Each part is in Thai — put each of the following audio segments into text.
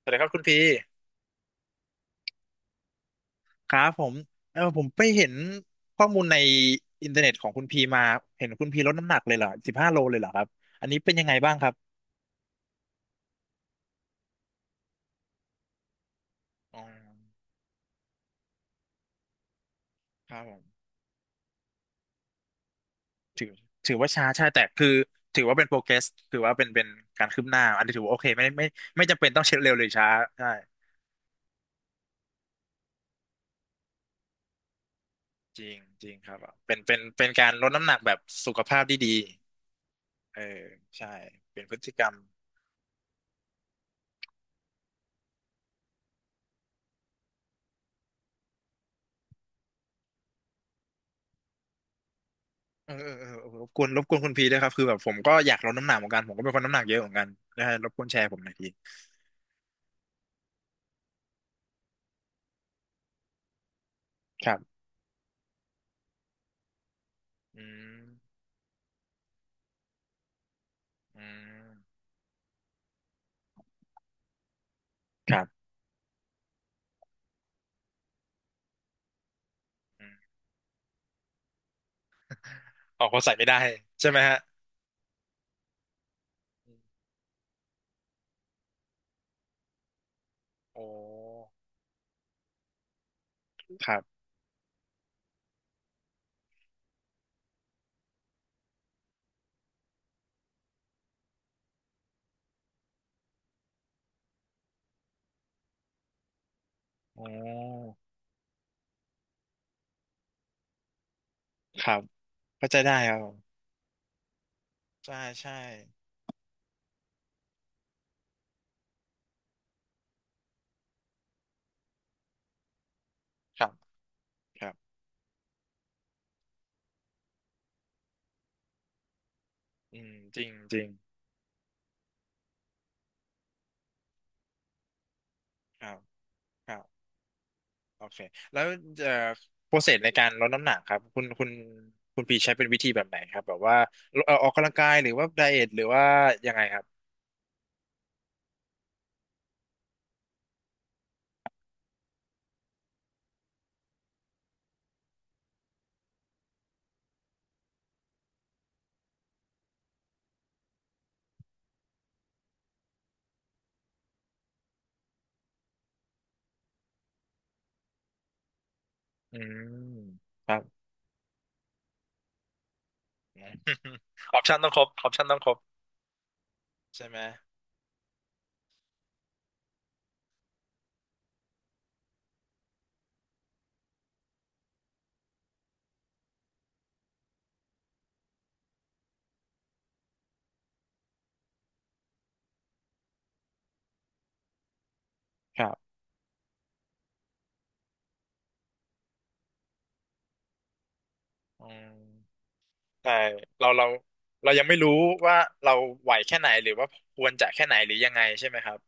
สวัสดีครับคุณพี ครับผมผมไปเห็นข้อมูลในอินเทอร์เน็ตของคุณพีมาเห็นคุณพีลดน้ำหนักเลยเหรอ15 โลเลยเหรอครับอันนี้เป็นยังไงบ้างครับอ๋อครับผมถือถือว่าช้าใช่แต่คือถือว่าเป็นโปรเกรสถือว่าเป็นการคืบหน้าอันนี้ถือว่าโอเคไม่จำเป็นต้องเช็คเร็วหรือช้าใช่จริงจริงครับ เป็นการลดน้ำหนักแบบสุขภาพที่ดีเออใช่เป็นพฤติกรรม เออเออเออเออรบกวนคุณพีด้วยครับคือแบบผมก็อยากลดน้ำหนักเหมือนกัน ผมก็เป็นคนน้ำหนักเยอะเหมือนกันนะฮะรบกวนแชร์ผมหน่อยพีครับอืมอืมครับอืมออกก็ใส่ไม่ได้ใช่ไหมฮะอืมโอ้ครับโอ้ครับเข้าใจได้ครับผมใช่ใช่ครับครับอืมจริงจริงครับครับโอเค แล้วเอ่อโปรเซสในการลดน้ำหนักครับคุณพีใช้เป็นวิธีแบบไหนครับแบบว่าออกกำลังกายหรือว่าไดเอทหรือว่ายังไงครับ อืมครับอ อปชัน ต้องครบออปชันต้องครบใช่ไหมครับอืมแต่เราเราเรายังไม่รู้ว่าเราไหวแค่ไหนหรือว่าควรจะแค่ไหนหรือยังไงใช่ไหมครับ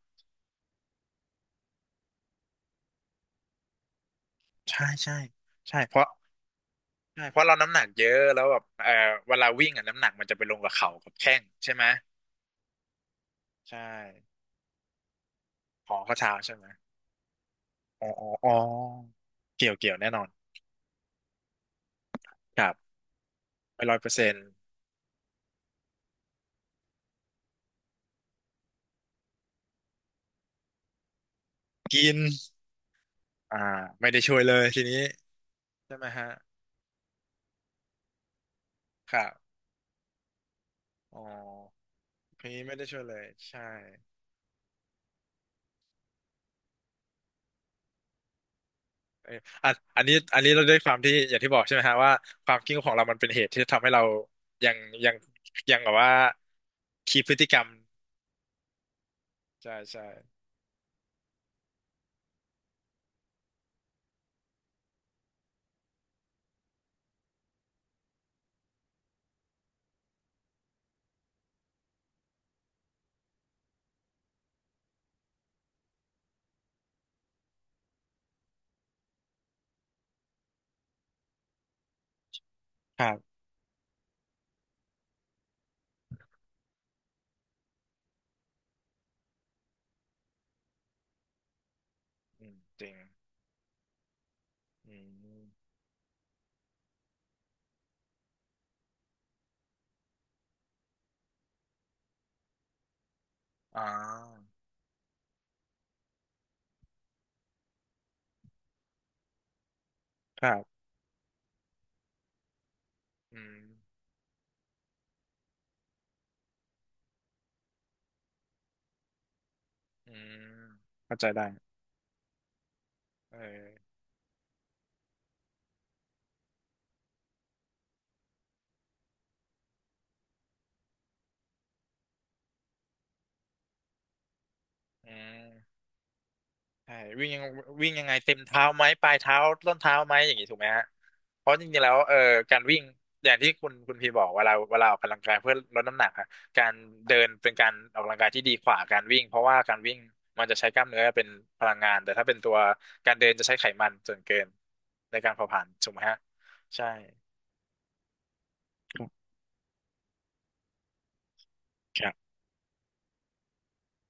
ใช่ใช่ใช่เพราะเราน้ำหนักเยอะแล้วแบบเวลาวิ่งอ่ะน้ำหนักมันจะไปลงกับเข่ากับแข้งใช่ไหมใช่ขอข้อเท้าใช่ไหมอ๋ออ๋ออ๋อเกี่ยวแน่นอนครับไป100%กินอ่าไม่ได้ช่วยเลยทีนี้ใช่ไหมฮะครับ อ๋อเพลงนี้ไม่ได้ช่วยเลยใช่เอออันนี้ อันนี้เราด้วยความที่อย่างที่บอกใช่ไหมฮะว่าความคิดของเรามันเป็นเหตุที่ทำให้เรายังยังยังแบบว่าคีพพฤติกรรมใช่ใช่ครับอืมจริงอืมอ่าครับอืมอืมเข้าใจได้เอออืม ใช่วิ่งยังวิ่งยังไงเต็มเท้าไหมปลายเท้าต้นเท้าไหมอย่างนี้ถูกไหมฮะเพราะจริงๆแล้วการวิ่งอย่างที่คุณพีบอกเวลาออกกำลังกายเพื่อลดน้ำหนักอะการเดินเป็นการออกกำลังกายที่ดีกว่าการวิ่งเพราะว่าการวิ่งมันจะใช้กล้ามเนื้อเป็นพลังงานแต่ถ้าเป็นตัวการเดินจะใช้ไขมันส่วนเกินในการเผาผลาญถูกไหมฮะใช่ครับ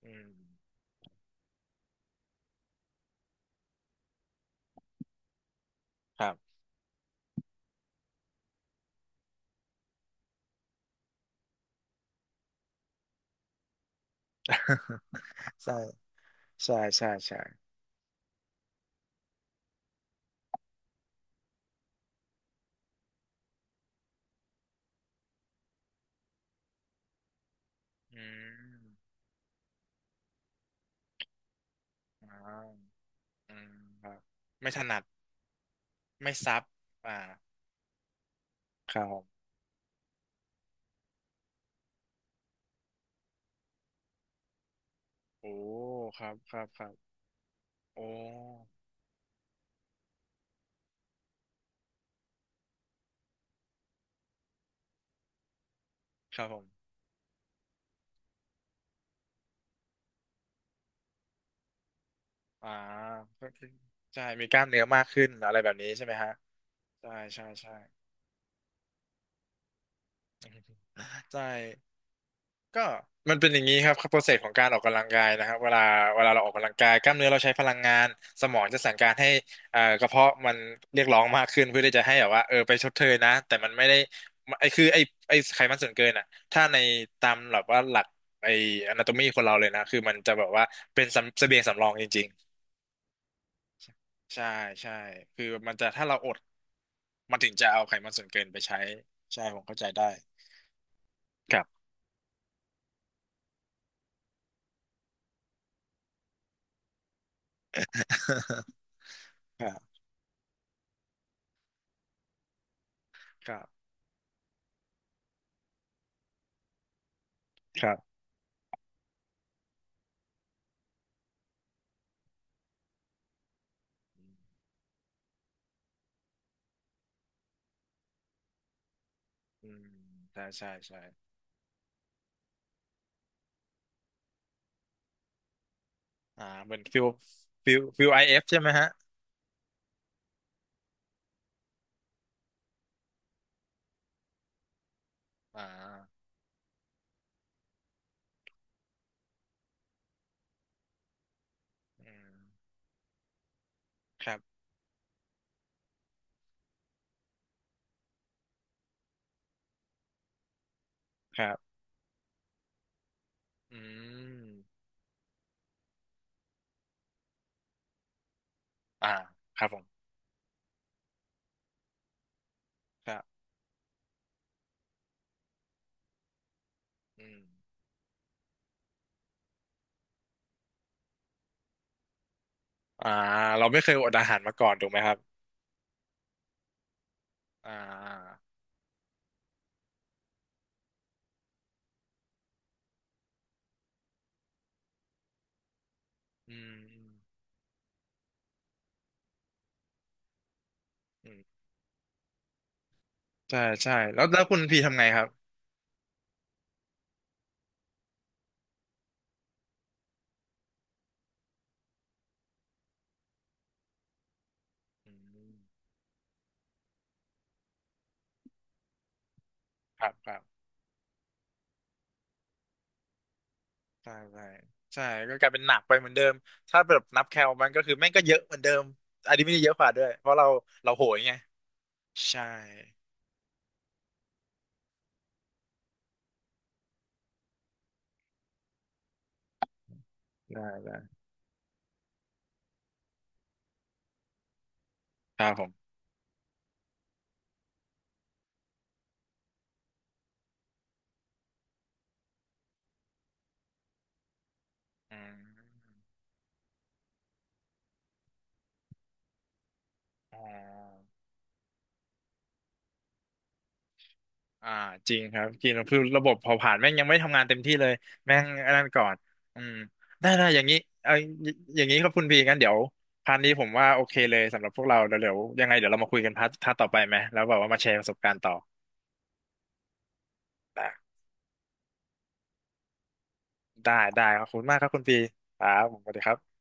อืมครับ ใช่ใช่ใช่ใช่อืมอ่าอืมครับไม่ถนัด ไม่ซับ อ่าครับผมโอ้ครับ ครับ ครับโอ้ครับผมอ่าก็คือใช่มีกล้ามเนื้อมากขึ้น อะไรแบบนี้ใช่ไหมฮะ ใช่ ใช่ ใช่ ใช่ ก็มันเป็นอย่างนี้ครับโปรเซสของการออกกำลังกายนะครับเวลาเราออกกำลังกายกล้ามเนื้อเราใช้พลังงานสมองจะสั่งการให้กระเพาะมันเรียกร้องมากขึ้นเพื่อที่จะให้แบบว่าเออไปชดเชยนะแต่มันไม่ได้ไอคือไอไอไขมันส่วนเกินอ่ะถ้าในตามแบบว่าหลักไอ anatomy คนเราเลยนะคือมันจะแบบว่าเป็นสำเสบียงสำรองจริงๆใช่ใช่คือมันจะถ้าเราอดมันถึงจะเอาไขมันส่วนเกินไปใช้ใช่ผมเข้าใจได้ครับ ครับครับครับ อืมใช่ใช่ใช่อ่าเหมือนฟิลIFใช่ไหมฮะอ่าอืมครับครับอืมอ่าครับผมครับอืมอ่าเราไม่เคยอดอาหารมาก่อนถูกไหมครับอ่าอืมอืมใช่ใช่แล้วคุณพีทำไงครับอืมครับครับใช่ใช่ใช่ก็กลายเป็นหนักไปเหมือนเดิมถ้าแบบนับแคลมันก็คือแม่งก็เยอะเหมือนเดิมอันนี้ไม่ได้เยอะกว่าด้วยเพราะเราโหยไงใช่ได้ได้ครับผม อืมอ๋ออ่าจริงครับจริงแล้วคือระบบเผาผลาญแม่งยังไม่ทำงานเต็มที่เลยแม่งอันนั้นก่อนอืมได้ได้อย่างนี้เอยอยอย่างนี้ครับคุณพีงั้นเดี๋ยวพาร์ทนี้ผมว่าโอเคเลยสำหรับพวกเราเดี๋ยวยังไงเดี๋ยวเรามาคุยกันพาร์ทต่อไปไหมแล้วแบบว่ามาแชร์ประสบการณ์ต่อได้ได้ได้ขอบคุณมากครับคุณพีครับผมสวัสดีครับ